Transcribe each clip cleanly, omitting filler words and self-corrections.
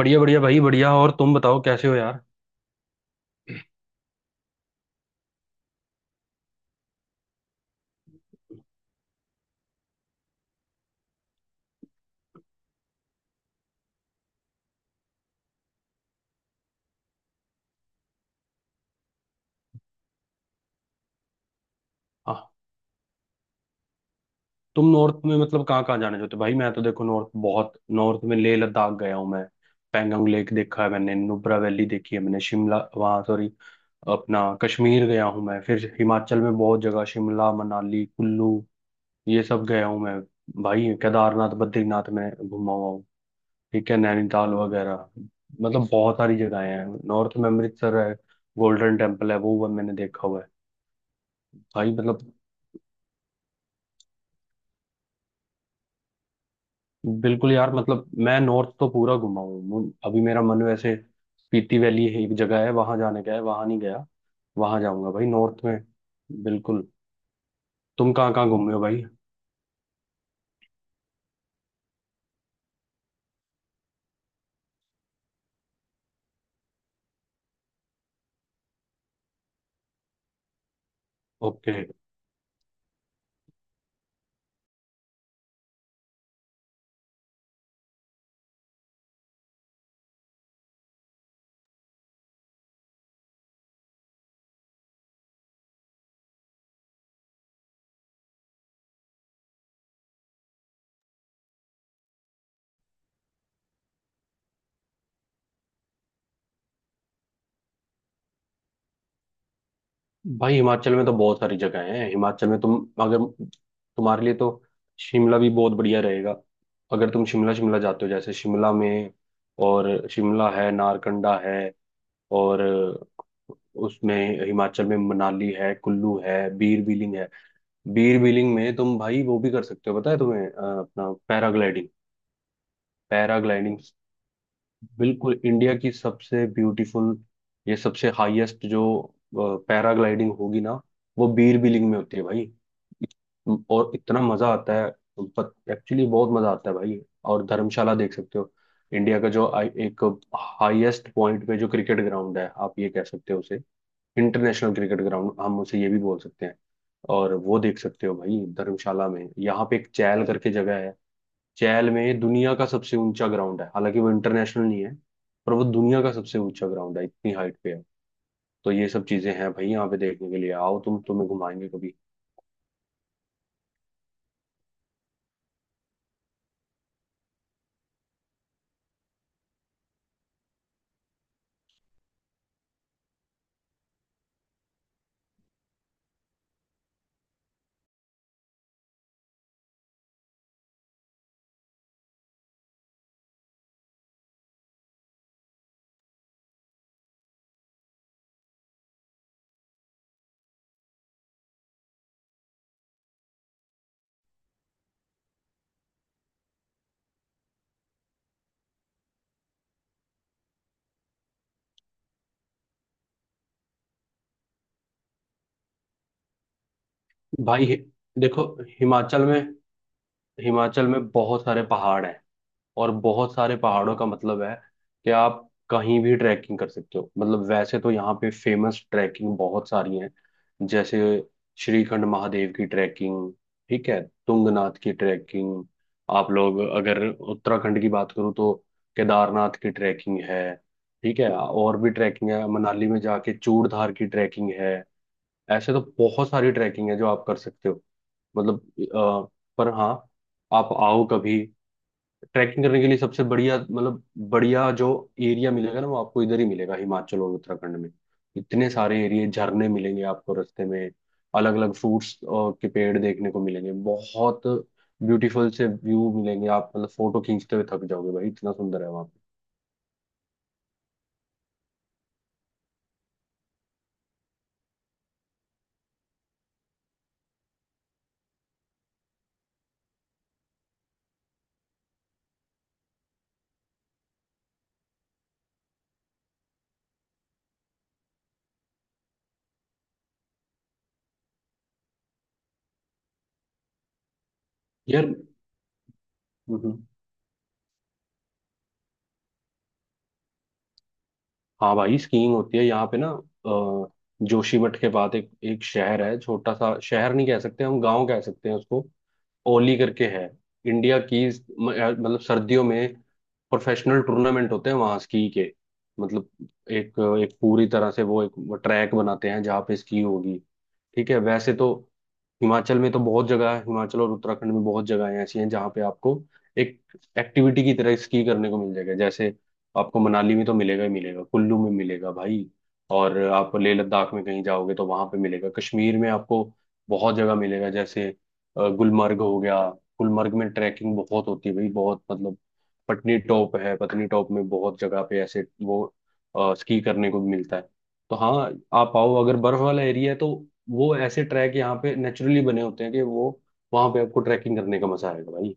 बढ़िया बढ़िया भाई बढ़िया। और तुम बताओ कैसे हो यार। हाँ, तुम नॉर्थ में मतलब कहाँ कहाँ जाने चाहते हो भाई? मैं तो देखो नॉर्थ बहुत, नॉर्थ में लेह लद्दाख गया हूँ मैं। पैंगोंग लेक देखा है मैंने, नुब्रा वैली देखी है मैंने, शिमला, वहाँ सॉरी अपना कश्मीर गया हूँ मैं। फिर हिमाचल में बहुत जगह, शिमला मनाली कुल्लू, ये सब गया हूँ मैं भाई। केदारनाथ बद्रीनाथ में घुमा हुआ हूँ। ठीक है, नैनीताल वगैरह, मतलब बहुत सारी जगहें हैं नॉर्थ में। अमृतसर है, गोल्डन टेम्पल है, वो मैंने देखा हुआ है भाई। मतलब बिल्कुल यार, मतलब मैं नॉर्थ तो पूरा घुमा हूँ। अभी मेरा मन वैसे, पीती वैली है एक जगह, है वहां जाने का, है वहां नहीं गया। वहां जाऊंगा भाई, नॉर्थ में बिल्कुल। तुम कहाँ कहाँ घूमे हो भाई? ओके। भाई हिमाचल में तो बहुत सारी जगह हैं। हिमाचल में तुम, अगर, तुम्हारे लिए तो शिमला भी बहुत बढ़िया रहेगा। अगर तुम शिमला शिमला जाते हो, जैसे शिमला में, और शिमला है, नारकंडा है, और उसमें हिमाचल में मनाली है, कुल्लू है, बीर बिलिंग है। बीर बिलिंग में तुम भाई वो भी कर सकते हो, पता है तुम्हें, अपना पैराग्लाइडिंग। पैराग्लाइडिंग बिल्कुल इंडिया की सबसे ब्यूटीफुल, ये सबसे हाईएस्ट जो पैराग्लाइडिंग होगी ना, वो बीर बिलिंग में होती है भाई। और इतना मजा आता है, एक्चुअली बहुत मजा आता है भाई। और धर्मशाला देख सकते हो। इंडिया का जो एक हाईएस्ट पॉइंट पे जो क्रिकेट ग्राउंड है, आप ये कह सकते हो उसे, इंटरनेशनल क्रिकेट ग्राउंड हम उसे ये भी बोल सकते हैं। और वो देख सकते हो भाई धर्मशाला में। यहाँ पे एक चैल करके जगह है, चैल में दुनिया का सबसे ऊंचा ग्राउंड है, हालांकि वो इंटरनेशनल नहीं है, पर वो दुनिया का सबसे ऊंचा ग्राउंड है, इतनी हाइट पे है। तो ये सब चीजें हैं भाई यहाँ पे देखने के लिए। आओ तुम, तुम्हें घुमाएंगे कभी। भाई हि- देखो हिमाचल में, हिमाचल में बहुत सारे पहाड़ हैं, और बहुत सारे पहाड़ों का मतलब है कि आप कहीं भी ट्रैकिंग कर सकते हो। मतलब वैसे तो यहाँ पे फेमस ट्रैकिंग बहुत सारी हैं, जैसे श्रीखंड महादेव की ट्रैकिंग, ठीक है, तुंगनाथ की ट्रैकिंग, आप लोग अगर उत्तराखंड की बात करूँ तो केदारनाथ की ट्रैकिंग है, ठीक है, और भी ट्रैकिंग है, मनाली में जाके चूड़धार की ट्रैकिंग है। ऐसे तो बहुत सारी ट्रैकिंग है जो आप कर सकते हो। मतलब अ, पर हाँ, आप आओ कभी। ट्रैकिंग करने के लिए सबसे बढ़िया, मतलब बढ़िया जो एरिया मिलेगा ना, वो आपको इधर ही मिलेगा, हिमाचल और उत्तराखंड में। इतने सारे एरिया, झरने मिलेंगे आपको रास्ते में, अलग अलग फ्रूट्स के पेड़ देखने को मिलेंगे, बहुत ब्यूटीफुल से व्यू मिलेंगे। आप मतलब फोटो खींचते हुए थक जाओगे भाई, इतना सुंदर है वहाँ पे। यार हम्म, हाँ भाई स्कीइंग होती है यहाँ पे ना। अ, जोशीमठ के बाद एक एक शहर है, छोटा सा शहर नहीं कह सकते, हम गांव कह सकते हैं उसको, ओली करके है। इंडिया की मतलब सर्दियों में प्रोफेशनल टूर्नामेंट होते हैं वहाँ स्की के। मतलब एक एक पूरी तरह से वो एक वो ट्रैक बनाते हैं जहाँ पे स्की होगी। ठीक है। वैसे तो हिमाचल में तो बहुत जगह है, हिमाचल और उत्तराखंड में बहुत जगहें ऐसी हैं जहाँ पे आपको एक एक्टिविटी की तरह स्की करने को मिल जाएगा। जैसे आपको मनाली में तो मिलेगा ही मिलेगा, कुल्लू में मिलेगा भाई, और आप लेह लद्दाख में कहीं जाओगे तो वहां पे मिलेगा, कश्मीर में आपको बहुत जगह मिलेगा। जैसे गुलमर्ग हो गया, गुलमर्ग में ट्रैकिंग बहुत होती है भाई, बहुत मतलब। पटनी टॉप है, पटनी टॉप में बहुत जगह पे ऐसे वो स्की करने को मिलता है। तो हाँ, आप आओ। अगर बर्फ वाला एरिया है तो वो ऐसे ट्रैक यहाँ पे नेचुरली बने होते हैं कि वो वहां पे आपको ट्रैकिंग करने का मजा आएगा भाई।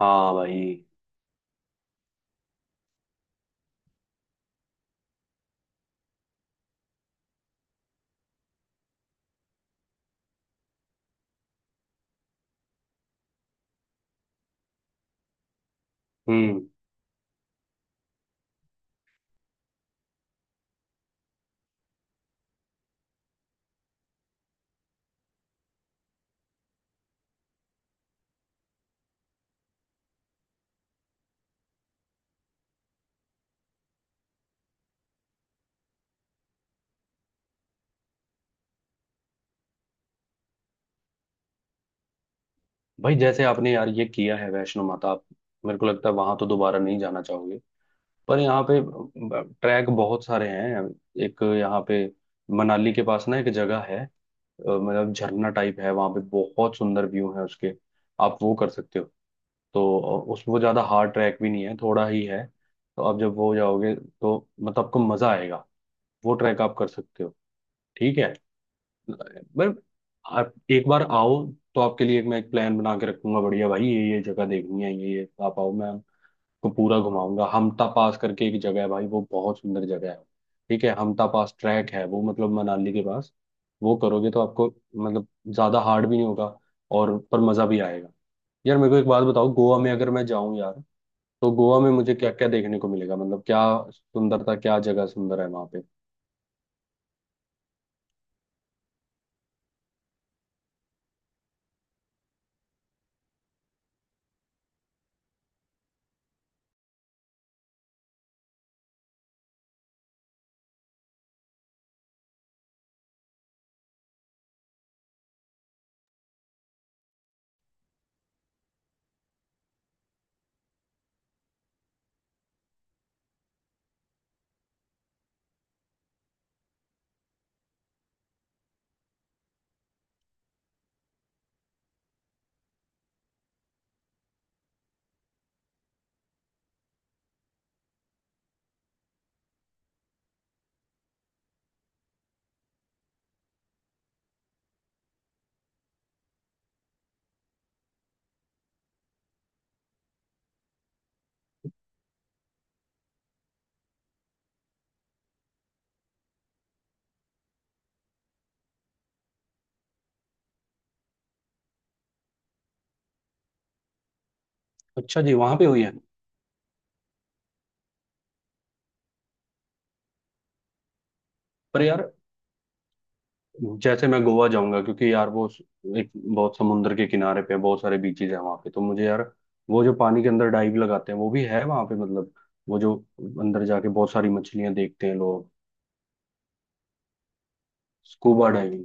हाँ भाई। हम्म। भाई जैसे आपने यार ये किया है वैष्णो माता, आप, मेरे को लगता है वहां तो दोबारा नहीं जाना चाहोगे। पर यहाँ पे ट्रैक बहुत सारे हैं। एक यहाँ पे मनाली के पास ना एक जगह है, मतलब झरना टाइप है, वहां पे बहुत सुंदर व्यू है उसके। आप वो कर सकते हो। तो उसमें वो ज़्यादा हार्ड ट्रैक भी नहीं है, थोड़ा ही है, तो आप जब वो हो जाओगे तो मतलब आपको मज़ा आएगा। वो ट्रैक आप कर सकते हो। ठीक है, पर आप एक बार आओ, तो आपके लिए एक, मैं एक प्लान बना के रखूंगा बढ़िया भाई, ये जगह देखनी है, ये, आप आओ, मैं आपको पूरा घुमाऊंगा। हमटा पास करके एक जगह है भाई, वो बहुत सुंदर जगह है। ठीक है, हमटा पास ट्रैक है वो, मतलब मनाली के पास। वो करोगे तो आपको मतलब ज़्यादा हार्ड भी नहीं होगा, और पर मज़ा भी आएगा। यार मेरे को एक बात बताओ, गोवा में अगर मैं जाऊं यार, तो गोवा में मुझे क्या क्या देखने को मिलेगा? मतलब क्या सुंदरता, क्या जगह सुंदर है वहां पे? अच्छा जी, वहां पे हुई है? पर यार जैसे मैं गोवा जाऊंगा, क्योंकि यार वो एक बहुत समुद्र के किनारे पे बहुत सारे बीचेज हैं वहां पे, तो मुझे यार वो जो पानी के अंदर डाइव लगाते हैं वो भी है वहां पे, मतलब वो जो अंदर जाके बहुत सारी मछलियां देखते हैं लोग, स्कूबा डाइविंग।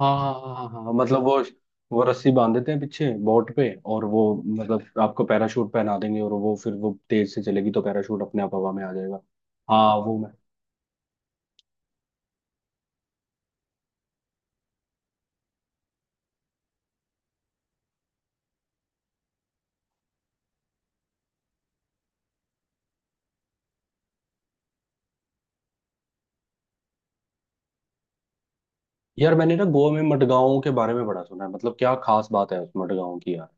हाँ हाँ हाँ हाँ हाँ, हाँ, मतलब वो रस्सी बांध देते हैं पीछे बोट पे, और वो मतलब आपको पैराशूट पहना देंगे और वो फिर वो तेज से चलेगी तो पैराशूट अपने आप हवा में आ जाएगा। हाँ वो मैं, यार मैंने ना गोवा में मडगांव के बारे में बड़ा सुना है, मतलब क्या खास बात है उस मडगांव की यार?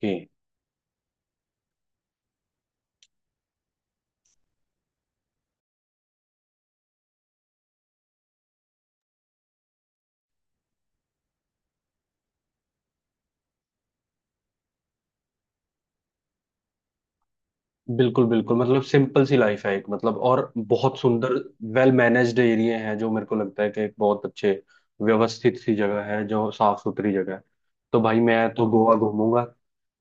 कि बिल्कुल बिल्कुल, मतलब सिंपल सी लाइफ है एक, मतलब और बहुत सुंदर वेल मैनेज्ड एरिया है, जो मेरे को लगता है कि एक बहुत अच्छे व्यवस्थित सी जगह है, जो साफ सुथरी जगह है। तो भाई मैं तो गोवा घूमूंगा,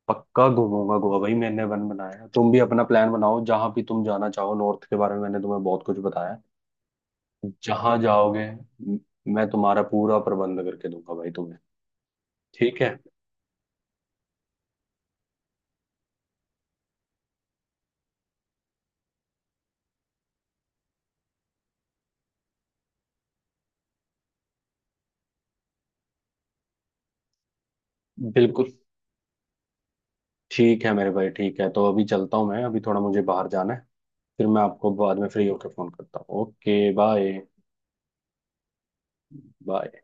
पक्का घूमूंगा गोवा भाई, मैंने वन बनाया है। तुम भी अपना प्लान बनाओ, जहां भी तुम जाना चाहो, नॉर्थ के बारे में मैंने तुम्हें बहुत कुछ बताया है। जहां जाओगे म- मैं तुम्हारा पूरा प्रबंध करके दूंगा भाई तुम्हें। ठीक है। बिल्कुल ठीक है मेरे भाई, ठीक है तो अभी चलता हूँ मैं, अभी थोड़ा मुझे बाहर जाना है। फिर मैं आपको बाद में फ्री होकर फोन करता हूँ। Okay bye. बाय।